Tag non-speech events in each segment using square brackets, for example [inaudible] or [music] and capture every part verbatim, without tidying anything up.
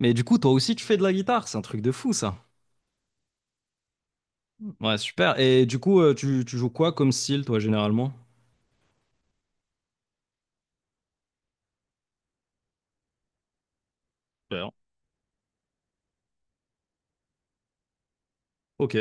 Mais du coup, toi aussi, tu fais de la guitare, c'est un truc de fou ça. Ouais, super. Et du coup, euh, tu, tu joues quoi comme style, toi, généralement? Super. Ok.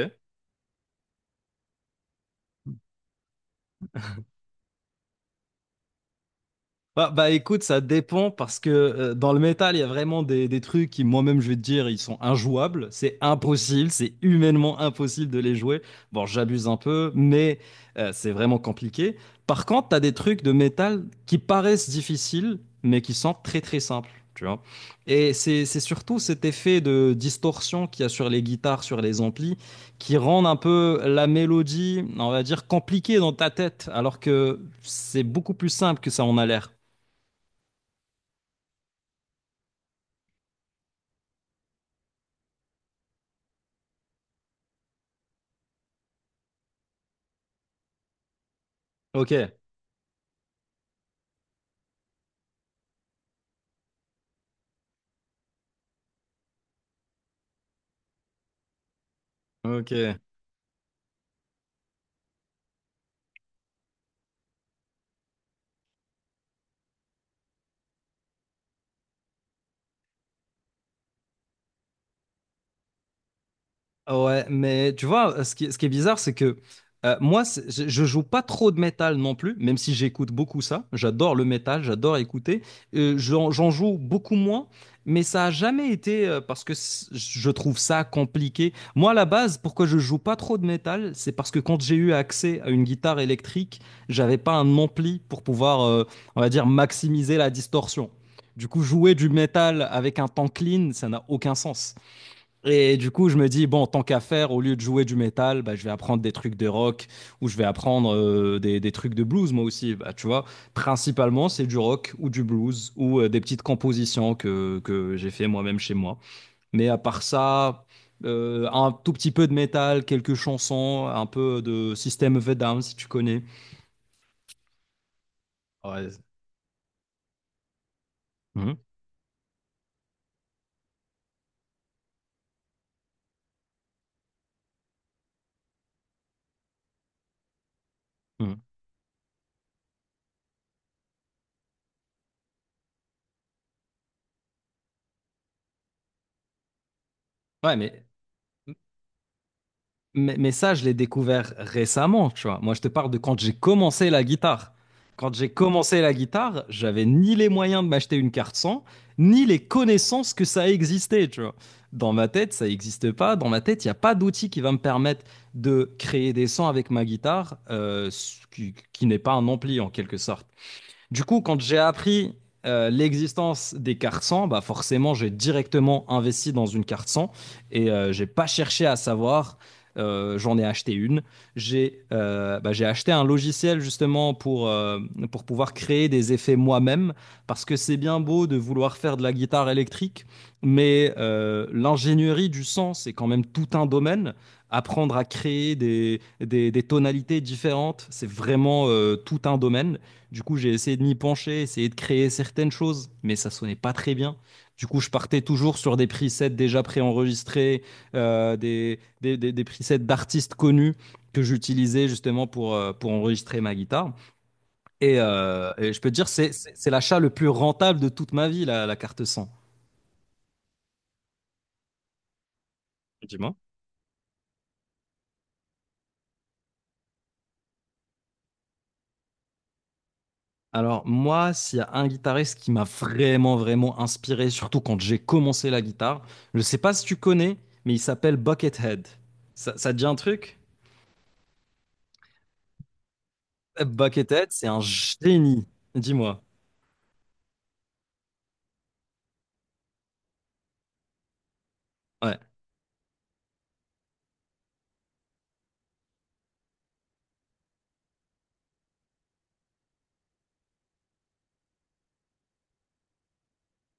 Bah, bah, écoute, ça dépend parce que euh, dans le métal, il y a vraiment des, des trucs qui, moi-même, je vais te dire, ils sont injouables. C'est impossible, c'est humainement impossible de les jouer. Bon, j'abuse un peu, mais euh, c'est vraiment compliqué. Par contre, t'as des trucs de métal qui paraissent difficiles, mais qui sont très très simples, tu vois. Et c'est c'est surtout cet effet de distorsion qu'il y a sur les guitares, sur les amplis, qui rendent un peu la mélodie, on va dire, compliquée dans ta tête, alors que c'est beaucoup plus simple que ça en a l'air. Ok, ok. Ouais, mais tu vois, euh, ce qui, ce qui est bizarre, c'est que euh, moi, c'est- je, je joue pas trop de métal non plus, même si j'écoute beaucoup ça. J'adore le métal, j'adore écouter. Euh, j'en, j'en joue beaucoup moins, mais ça a jamais été euh, parce que c- je trouve ça compliqué. Moi, à la base, pourquoi je joue pas trop de métal, c'est parce que quand j'ai eu accès à une guitare électrique, j'avais pas un ampli pour pouvoir, euh, on va dire, maximiser la distorsion. Du coup, jouer du métal avec un temps clean, ça n'a aucun sens. Et du coup, je me dis, bon, tant qu'à faire, au lieu de jouer du métal, bah, je vais apprendre des trucs de rock ou je vais apprendre euh, des, des trucs de blues, moi aussi. Bah, tu vois, principalement, c'est du rock ou du blues ou euh, des petites compositions que, que j'ai fait moi-même chez moi. Mais à part ça, euh, un tout petit peu de métal, quelques chansons, un peu de System of a Down, si tu connais. Ouais. Mhm. Mhm. Ouais, mais Mais, mais ça, je l'ai découvert récemment, tu vois. Moi, je te parle de quand j'ai commencé la guitare. Quand j'ai commencé la guitare, j'avais ni les moyens de m'acheter une carte son, ni les connaissances que ça existait, tu vois. Dans ma tête, ça n'existe pas. Dans ma tête, il n'y a pas d'outil qui va me permettre de créer des sons avec ma guitare, euh, qui, qui n'est pas un ampli en quelque sorte. Du coup, quand j'ai appris euh, l'existence des cartes cent, bah forcément, j'ai directement investi dans une carte cent et euh, j'ai pas cherché à savoir. Euh, j'en ai acheté une. J'ai euh, bah, j'ai acheté un logiciel justement pour, euh, pour pouvoir créer des effets moi-même, parce que c'est bien beau de vouloir faire de la guitare électrique, mais euh, l'ingénierie du son, c'est quand même tout un domaine. Apprendre à créer des, des, des tonalités différentes, c'est vraiment euh, tout un domaine. Du coup, j'ai essayé de m'y pencher, essayé de créer certaines choses, mais ça sonnait pas très bien. Du coup, je partais toujours sur des presets déjà préenregistrés, euh, des, des, des, des presets d'artistes connus que j'utilisais justement pour, euh, pour enregistrer ma guitare. Et, euh, et je peux te dire, c'est, c'est, c'est l'achat le plus rentable de toute ma vie, la, la carte cent. Dis-moi. Alors moi, s'il y a un guitariste qui m'a vraiment, vraiment inspiré, surtout quand j'ai commencé la guitare, je sais pas si tu connais, mais il s'appelle Buckethead. Ça, ça te dit un truc? Buckethead, c'est un génie. Dis-moi. Ouais.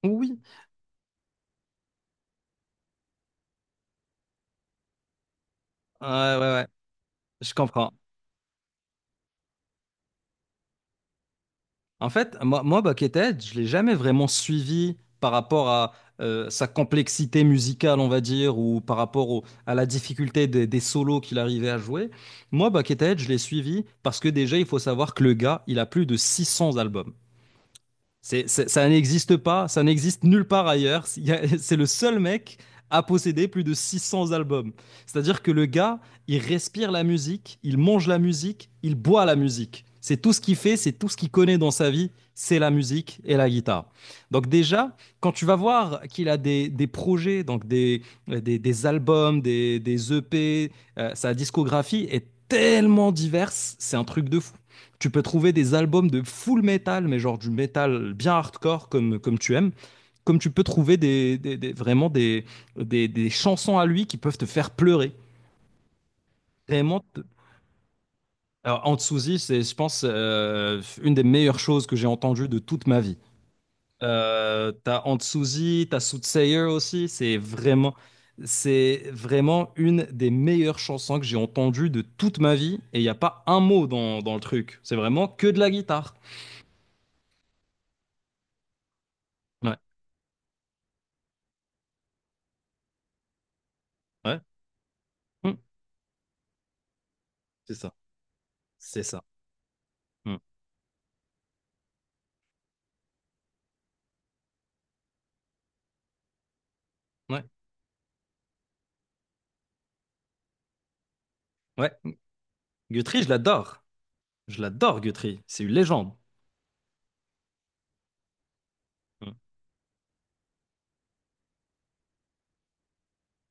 Oui. Ouais, ouais, ouais. Je comprends. En fait, moi, moi Buckethead, je l'ai jamais vraiment suivi par rapport à euh, sa complexité musicale, on va dire, ou par rapport au- à la difficulté des, des solos qu'il arrivait à jouer. Moi, Buckethead, je l'ai suivi parce que déjà, il faut savoir que le gars, il a plus de six cents albums. C'est, c'est- ça n'existe pas, ça n'existe nulle part ailleurs. Il y a- [laughs] C'est le seul mec à posséder plus de six cents albums. C'est-à-dire que le gars, il respire la musique, il mange la musique, il boit la musique. C'est tout ce qu'il fait, c'est tout ce qu'il connaît dans sa vie, c'est la musique et la guitare. Donc déjà, quand tu vas voir qu'il a des, des projets, donc des, des, des albums, des, des E P, euh, sa discographie est tellement diverse, c'est un truc de fou. Tu peux trouver des albums de full metal, mais genre du metal bien hardcore comme, comme tu aimes. Comme tu peux trouver des, des- des- vraiment des, des, des chansons à lui qui peuvent te faire pleurer. Vraiment, te- alors, Anzuzi, c'est, je pense, euh, une des meilleures choses que j'ai entendues de toute ma vie. Euh, t'as Anzuzi, t'as Soothsayer aussi, c'est vraiment, c'est vraiment une des meilleures chansons que j'ai entendues de toute ma vie, et il n'y a pas un mot dans, dans le truc. C'est vraiment que de la guitare. Ouais, ouais. C'est ça. C'est ça. Mm. Ouais. Ouais. Guthrie, je l'adore. Je l'adore, Guthrie. C'est une légende. Mm.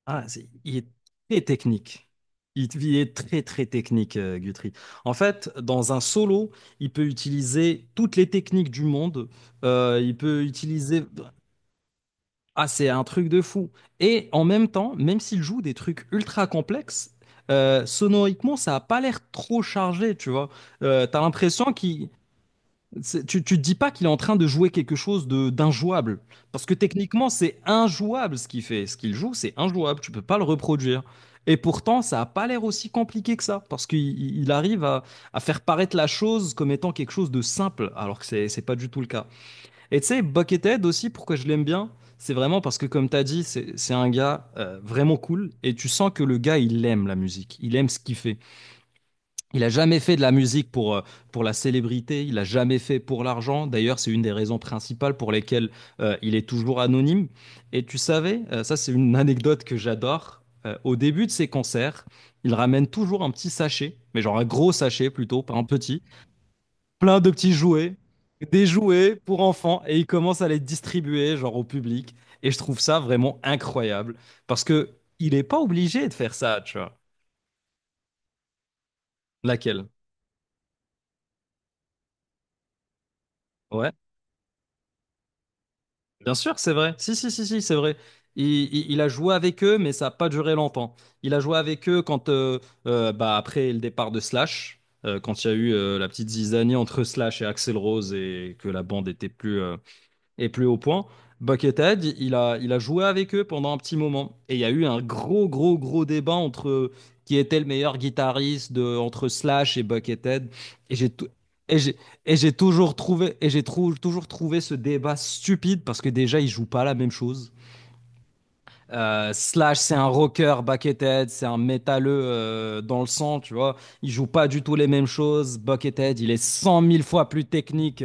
Ah, c'est- il est très technique. Il il est très, très technique, euh, Guthrie. En fait, dans un solo, il peut utiliser toutes les techniques du monde. Euh, il peut utiliser. Ah, c'est un truc de fou. Et en même temps, même s'il joue des trucs ultra complexes, euh, sonoriquement, ça n'a pas l'air trop chargé, tu vois. Euh, t'as l'impression qu'il C'est- Tu, tu te dis pas qu'il est en train de jouer quelque chose de d'injouable. Parce que techniquement, c'est injouable ce qu'il fait. Ce qu'il joue, c'est injouable. Tu peux pas le reproduire. Et pourtant, ça a pas l'air aussi compliqué que ça. Parce qu'il il- il arrive à, à faire paraître la chose comme étant quelque chose de simple. Alors que c'est c'est pas du tout le cas. Et tu sais, Buckethead aussi, pourquoi je l'aime bien, c'est vraiment parce que, comme tu as dit, c'est c'est un gars euh, vraiment cool. Et tu sens que le gars, il aime la musique. Il aime ce qu'il fait. Il a jamais fait de la musique pour, euh, pour la célébrité, il a jamais fait pour l'argent. D'ailleurs, c'est une des raisons principales pour lesquelles euh, il est toujours anonyme. Et tu savais, euh, ça c'est une anecdote que j'adore, euh, au début de ses concerts, il ramène toujours un petit sachet, mais genre un gros sachet plutôt, pas un petit, plein de petits jouets, des jouets pour enfants, et il commence à les distribuer genre au public. Et je trouve ça vraiment incroyable, parce que il n'est pas obligé de faire ça, tu vois. Laquelle? Ouais. Bien sûr, c'est vrai. Si, si, si, si, c'est vrai. Il, il- il a joué avec eux, mais ça n'a pas duré longtemps. Il a joué avec eux quand, euh, euh, bah, après le départ de Slash, euh, quand il y a eu euh, la petite zizanie entre Slash et Axel Rose et que la bande était plus, euh, et plus haut point, Buckethead, il a, il a joué avec eux pendant un petit moment. Et il y a eu un gros, gros, gros débat entre qui était le meilleur guitariste de, entre Slash et Buckethead. Et j'ai tou- et j'ai et j'ai toujours trouvé, et j'ai trou- toujours trouvé ce débat stupide parce que déjà, ils jouent pas la même chose. Euh, Slash, c'est un rocker, Buckethead, c'est un métalleux euh, dans le sang, tu vois. Ils jouent pas du tout les mêmes choses. Buckethead, il est cent mille fois plus technique.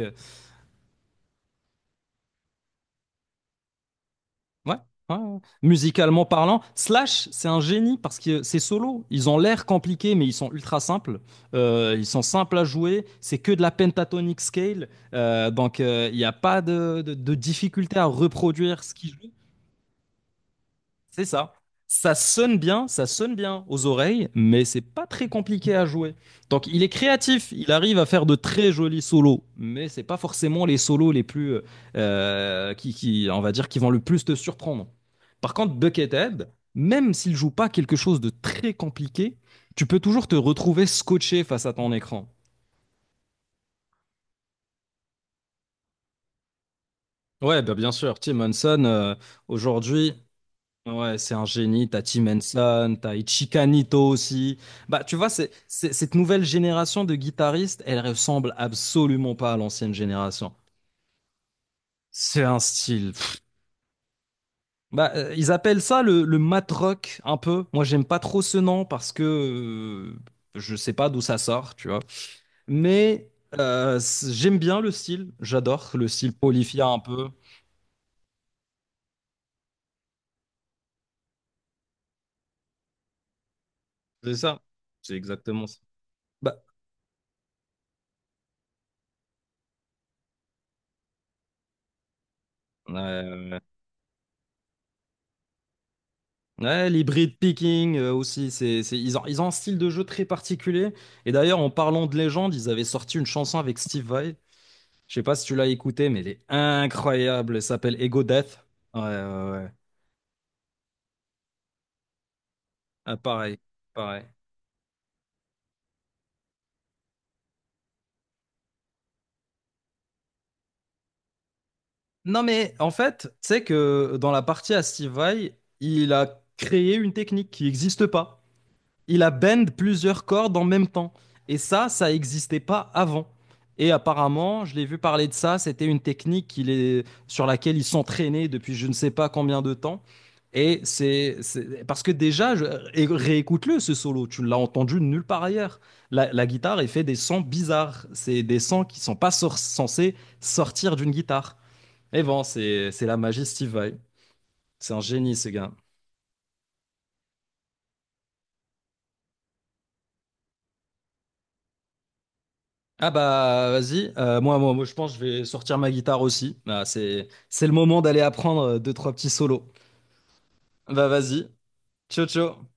Ouais, ouais, ouais. Musicalement parlant, Slash, c'est un génie parce que c'est solo. Ils ont l'air compliqués, mais ils sont ultra simples. Euh, ils sont simples à jouer. C'est que de la pentatonic scale. Euh, donc, euh, il n'y a pas de, de, de difficulté à reproduire ce qu'ils jouent. C'est ça. Ça sonne bien, ça sonne bien aux oreilles, mais c'est pas très compliqué à jouer. Donc il est créatif, il arrive à faire de très jolis solos, mais c'est pas forcément les solos les plus euh, qui, qui, on va dire, qui vont le plus te surprendre. Par contre, Buckethead, même s'il joue pas quelque chose de très compliqué, tu peux toujours te retrouver scotché face à ton écran. Ouais, bah bien sûr, Tim Henson, euh, aujourd'hui, ouais, c'est un génie. T'as Tim Henson, t'as Ichika Nito aussi. Bah, tu vois, c'est, c'est- cette nouvelle génération de guitaristes, elle ressemble absolument pas à l'ancienne génération. C'est un style. Pff. Bah, euh, ils appellent ça le, le mat rock un peu. Moi, j'aime pas trop ce nom parce que euh, je sais pas d'où ça sort, tu vois. Mais euh, c'est- j'aime bien le style. J'adore le style Polyphia un peu. C'est ça. C'est exactement ça. Bah, ouais, ouais, ouais, l'hybrid picking euh, aussi, c'est, c'est, ils ont, ils ont un style de jeu très particulier. Et d'ailleurs, en parlant de légende, ils avaient sorti une chanson avec Steve Vai. Je sais pas si tu l'as écoutée, mais elle est incroyable. Elle s'appelle Ego Death. Ouais, ouais, ouais. Ah, pareil, pareil. Non, mais en fait, tu sais que dans la partie à Steve Vai, il a créé une technique qui n'existe pas. Il a bend plusieurs cordes en même temps. Et ça, ça n'existait pas avant. Et apparemment, je l'ai vu parler de ça, c'était une technique qu'il est, sur laquelle il s'entraînait depuis je ne sais pas combien de temps. Et c'est c'est- parce que déjà, je- et réécoute-le ce solo, tu l'as entendu nulle part ailleurs. La, la guitare, elle fait des sons bizarres, c'est des sons qui sont pas sor- censés sortir d'une guitare. Mais bon, c'est c'est la magie Steve Vai. C'est un génie, ce gars. Ah bah vas-y. Euh, moi, moi, moi je pense que je vais sortir ma guitare aussi. Bah, c'est, c'est le moment d'aller apprendre euh, deux, trois petits solos. Bah vas-y, ciao ciao.